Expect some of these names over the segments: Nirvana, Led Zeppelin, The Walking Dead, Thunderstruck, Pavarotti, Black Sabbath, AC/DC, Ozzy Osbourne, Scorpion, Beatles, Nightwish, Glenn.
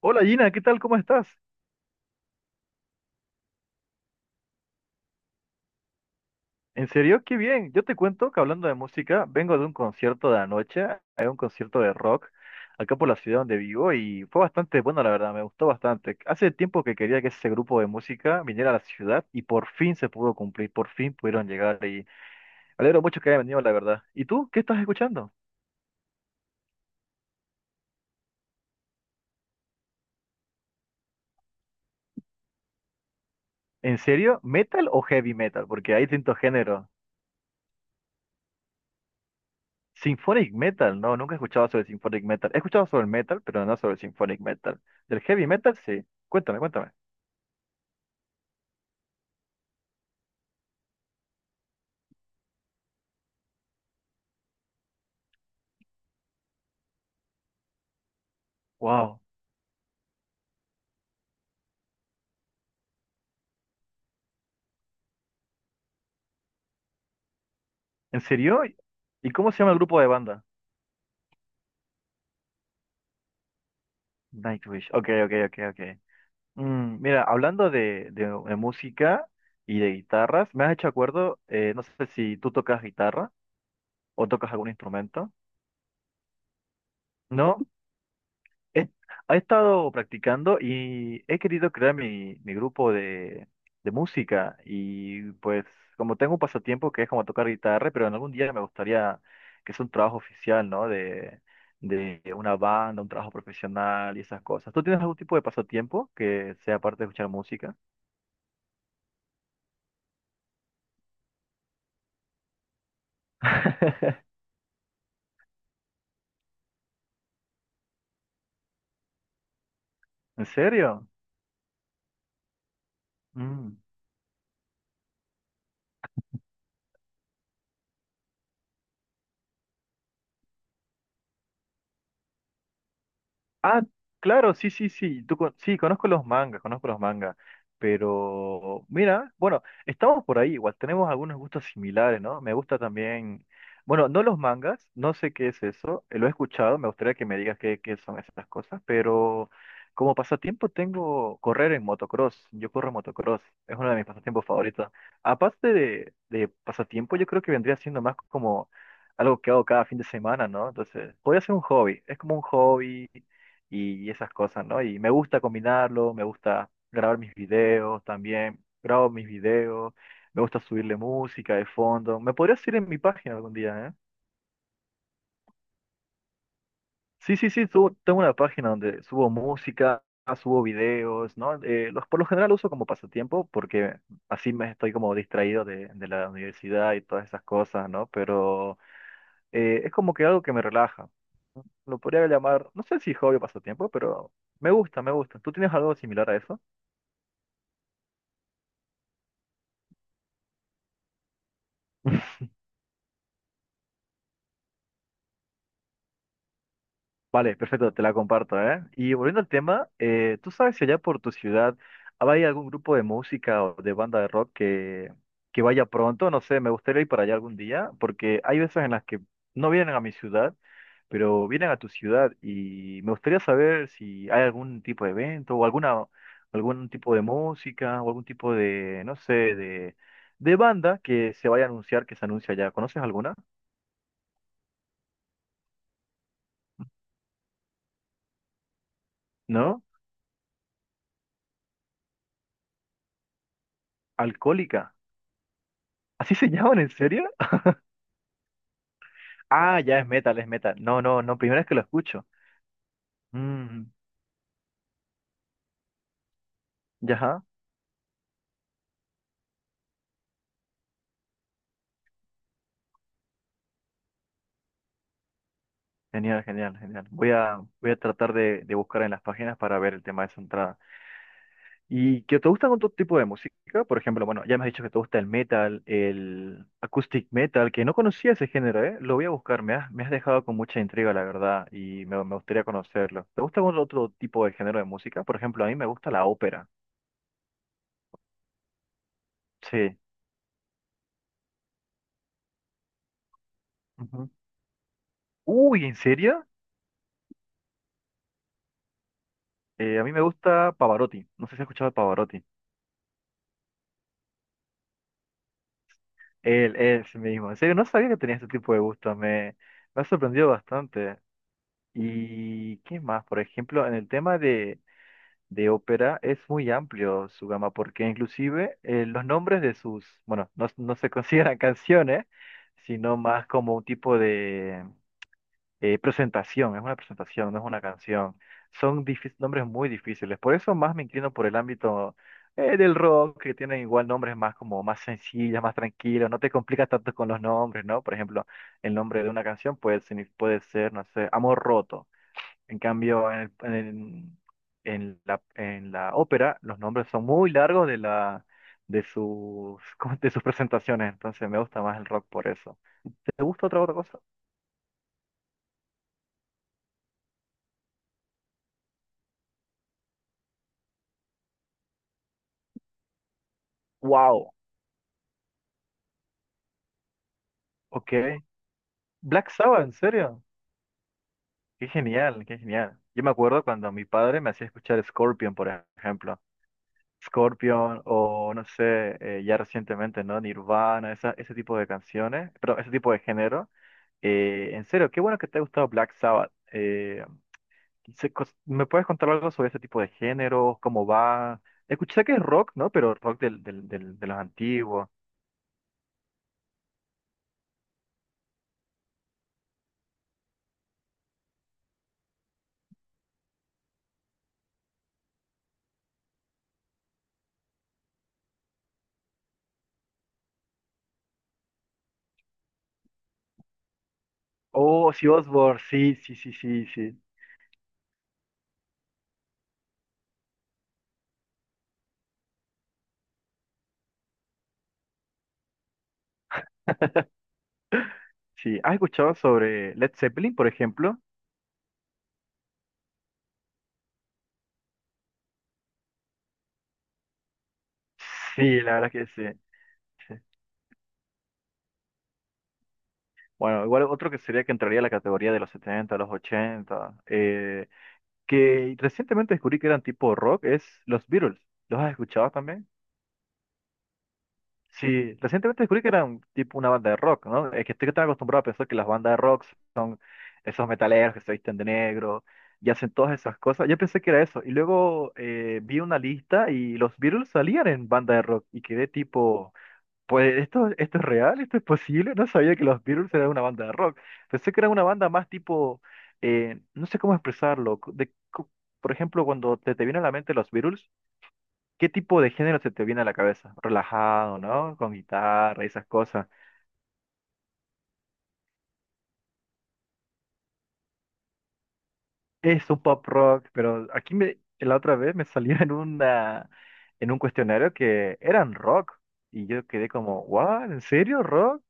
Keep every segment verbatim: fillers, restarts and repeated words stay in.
Hola Gina, ¿qué tal? ¿Cómo estás? En serio, qué bien. Yo te cuento que hablando de música, vengo de un concierto de anoche, hay un concierto de rock acá por la ciudad donde vivo y fue bastante bueno, la verdad, me gustó bastante. Hace tiempo que quería que ese grupo de música viniera a la ciudad y por fin se pudo cumplir, por fin pudieron llegar y me alegro mucho que hayan venido, la verdad. ¿Y tú qué estás escuchando? ¿En serio? ¿Metal o heavy metal? Porque hay distintos géneros. Symphonic Metal, no, nunca he escuchado sobre Symphonic Metal. He escuchado sobre el metal, pero no sobre el Symphonic Metal. Del heavy metal, sí. Cuéntame, cuéntame. Wow. ¿En serio? ¿Y cómo se llama el grupo de banda? Nightwish. Ok, ok, ok, ok. Mm, mira, hablando de, de- de música y de guitarras, me has hecho acuerdo, eh, no sé si tú tocas guitarra o tocas algún instrumento. ¿No? He, he estado practicando y he querido crear mi, mi grupo de, de música y pues como tengo un pasatiempo que es como tocar guitarra, pero en algún día me gustaría que sea un trabajo oficial, ¿no? De, de una banda, un trabajo profesional y esas cosas. ¿Tú tienes algún tipo de pasatiempo que sea aparte de escuchar música? ¿En serio? Mm. Ah, claro, sí, sí, sí. Tú, con- sí, conozco los mangas, conozco los mangas. Pero, mira, bueno, estamos por ahí, igual tenemos algunos gustos similares, ¿no? Me gusta también, bueno, no los mangas, no sé qué es eso, eh, lo he escuchado, me gustaría que me digas qué, qué son esas cosas, pero como pasatiempo tengo correr en motocross, yo corro en motocross, es uno de mis pasatiempos favoritos. Aparte de, de pasatiempo, yo creo que vendría siendo más como algo que hago cada fin de semana, ¿no? Entonces, podría ser un hobby, es como un hobby y esas cosas, ¿no? Y me gusta combinarlo, me gusta grabar mis videos también, grabo mis videos, me gusta subirle música de fondo. Me podrías ir en mi página algún día, ¿eh? Sí, sí, sí, subo- tengo una página donde subo música, subo videos, ¿no? Eh, los, por lo general uso como pasatiempo porque así me estoy como distraído de, de la universidad y todas esas cosas, ¿no? Pero eh, es como que algo que me relaja. Lo podría llamar, no sé si hobby o pasatiempo, pero me gusta, me gusta. ¿Tú tienes algo similar a eso? Vale, perfecto, te la comparto, ¿eh? Y volviendo al tema, eh, ¿tú sabes si allá por tu ciudad hay algún grupo de música o de banda de rock que, que vaya pronto? No sé, me gustaría ir para allá algún día, porque hay veces en las que no vienen a mi ciudad, pero vienen a tu ciudad y me gustaría saber si hay algún tipo de evento o alguna, algún tipo de música o algún tipo de, no sé, de, de banda que se vaya a anunciar, que se anuncia allá. ¿Conoces alguna? ¿No? Alcohólica. ¿Así se llaman? ¿En serio? Ah, ya es metal, es metal. No, no, no, primera vez que lo escucho. Mm, ya, ajá. Genial, genial, genial. Voy a, voy a tratar de, de buscar en las páginas para ver el tema de esa entrada. ¿Y que te gustan otro tipo de música? Por ejemplo, bueno, ya me has dicho que te gusta el metal, el acoustic metal, que no conocía ese género, ¿eh? Lo voy a buscar, me has, me has dejado con mucha intriga, la verdad, y me, me gustaría conocerlo. ¿Te gusta algún otro tipo de género de música? Por ejemplo, a mí me gusta la ópera. Sí. Ujú. Uy, ¿en serio? Eh, a mí me gusta Pavarotti. No sé si has escuchado de Pavarotti. Él es mismo. En serio, no sabía que tenía este tipo de gustos. Me, me ha sorprendido bastante. ¿Y qué más? Por ejemplo, en el tema de, de ópera es muy amplio su gama, porque inclusive eh, los nombres de sus, bueno, no, no se consideran canciones, sino más como un tipo eh, presentación, es una presentación, no es una canción. Son difí- nombres muy difíciles. Por eso más me inclino por el ámbito eh, del rock, que tienen igual nombres más como más sencillos, más tranquilos. No te complicas tanto con los nombres, ¿no? Por ejemplo, el nombre de una canción puede, signif- puede ser, no sé, Amor Roto. En cambio, en el- en el- en la, en la ópera, los nombres son muy largos de la de sus de sus presentaciones. Entonces me gusta más el rock por eso. ¿Te gusta otra otra cosa? Wow. Ok. Black Sabbath, ¿en serio? Qué genial, qué genial. Yo me acuerdo cuando mi padre me hacía escuchar Scorpion, por ejemplo. Scorpion o no sé, eh, ya recientemente, ¿no? Nirvana, esa, ese tipo de canciones, pero ese tipo de género. Eh, en serio, qué bueno que te ha gustado Black Sabbath. Eh, se cos- ¿me puedes contar algo sobre ese tipo de géneros, ¿cómo va? Escuché que es rock, ¿no? Pero rock del, del, del- de los antiguos. Oh, sí, Ozzy Osbourne, sí, sí, sí, sí, sí. Sí, ¿has escuchado sobre Led Zeppelin, por ejemplo? Sí, la verdad que sí. Sí. Bueno, igual otro que sería que entraría a la categoría de los setenta los ochenta, eh, que recientemente descubrí que eran tipo rock, es los Beatles. ¿Los has escuchado también? Sí, recientemente descubrí que eran tipo una banda de rock, ¿no? Es que estoy tan acostumbrado a pensar que las bandas de rock, esos metaleros que se visten de negro y hacen todas esas cosas, yo pensé que era eso. Y luego eh, vi una lista y los Beatles salían en banda de rock y quedé tipo, pues esto, esto es real, esto es posible. No sabía que los Beatles eran una banda de rock. Pensé que era una banda más tipo, eh, no sé cómo expresarlo. cu- de cu- por ejemplo, cuando te, te viene a la mente los Beatles, ¿qué tipo de género se te viene a la cabeza? Relajado, ¿no? Con guitarra y esas cosas. Es un pop rock, pero aquí me, la otra vez me salía en una, en un cuestionario que eran rock. Y yo quedé como, ¿what? ¿En serio rock?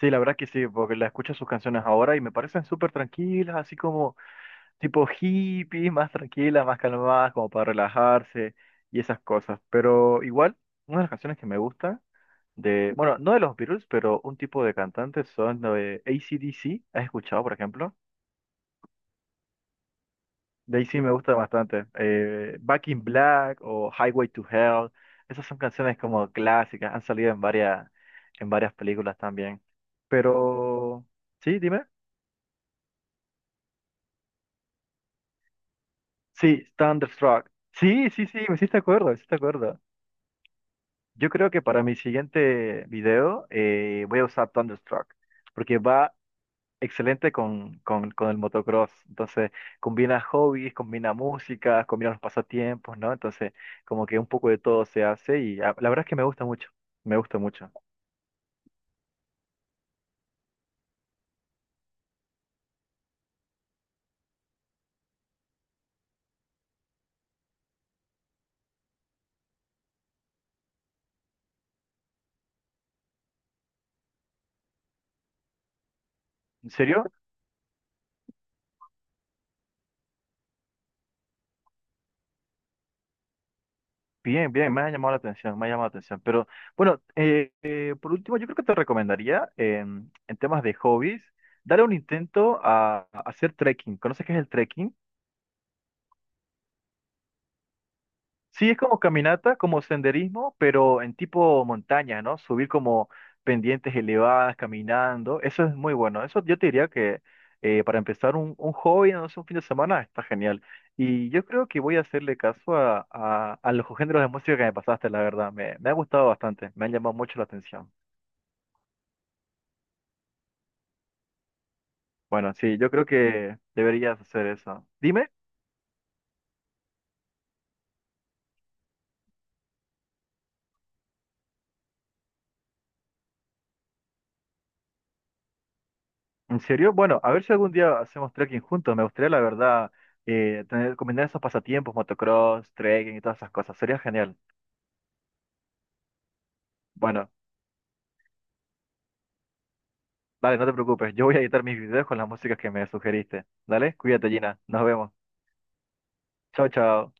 Sí, la verdad que sí, porque la escucho sus canciones ahora y me parecen súper tranquilas, así como tipo hippie, más tranquilas, más calmadas, como para relajarse y esas cosas. Pero igual, una de las canciones que me gusta de, bueno, no de los Beatles, pero un tipo de cantantes son de A C/D C, ¿has escuchado, por ejemplo? De A C me gusta bastante. eh, Back in Black o Highway to Hell, esas son canciones como clásicas, han salido en varias, en varias películas también. Pero, sí, dime. Sí, Thunderstruck. Sí, sí, sí, me hiciste acuerdo, me hiciste acuerdo. Yo creo que para mi siguiente video, eh, voy a usar Thunderstruck, porque va excelente con, con, con el motocross. Entonces, combina hobbies, combina música, combina los pasatiempos, ¿no? Entonces, como que un poco de todo se hace y ah, la verdad es que me gusta mucho, me gusta mucho. ¿En serio? Bien, bien, me ha llamado la atención, me ha llamado la atención. Pero bueno, eh, eh, por último, yo creo que te recomendaría, eh, en temas de hobbies, darle un intento a, a hacer trekking. ¿Conoces qué es el trekking? Sí, es como caminata, como senderismo, pero en tipo montaña, ¿no? Subir como pendientes elevadas, caminando. Eso es muy bueno. Eso yo te diría que, eh, para empezar un, un hobby, no sé, un fin de semana, está genial. Y yo creo que voy a hacerle caso a, a, a los géneros de música que me pasaste, la verdad. Me, me ha gustado bastante, me, han llamado mucho la atención. Bueno, sí, yo creo que deberías hacer eso. Dime. ¿En serio? Bueno, a ver si algún día hacemos trekking juntos. Me gustaría, la verdad, eh, tener, combinar esos pasatiempos, motocross, trekking y todas esas cosas. Sería genial. Bueno, dale, no te preocupes. Yo voy a editar mis videos con las músicas que me sugeriste. Dale, cuídate, Gina. Nos vemos. Chao, chao.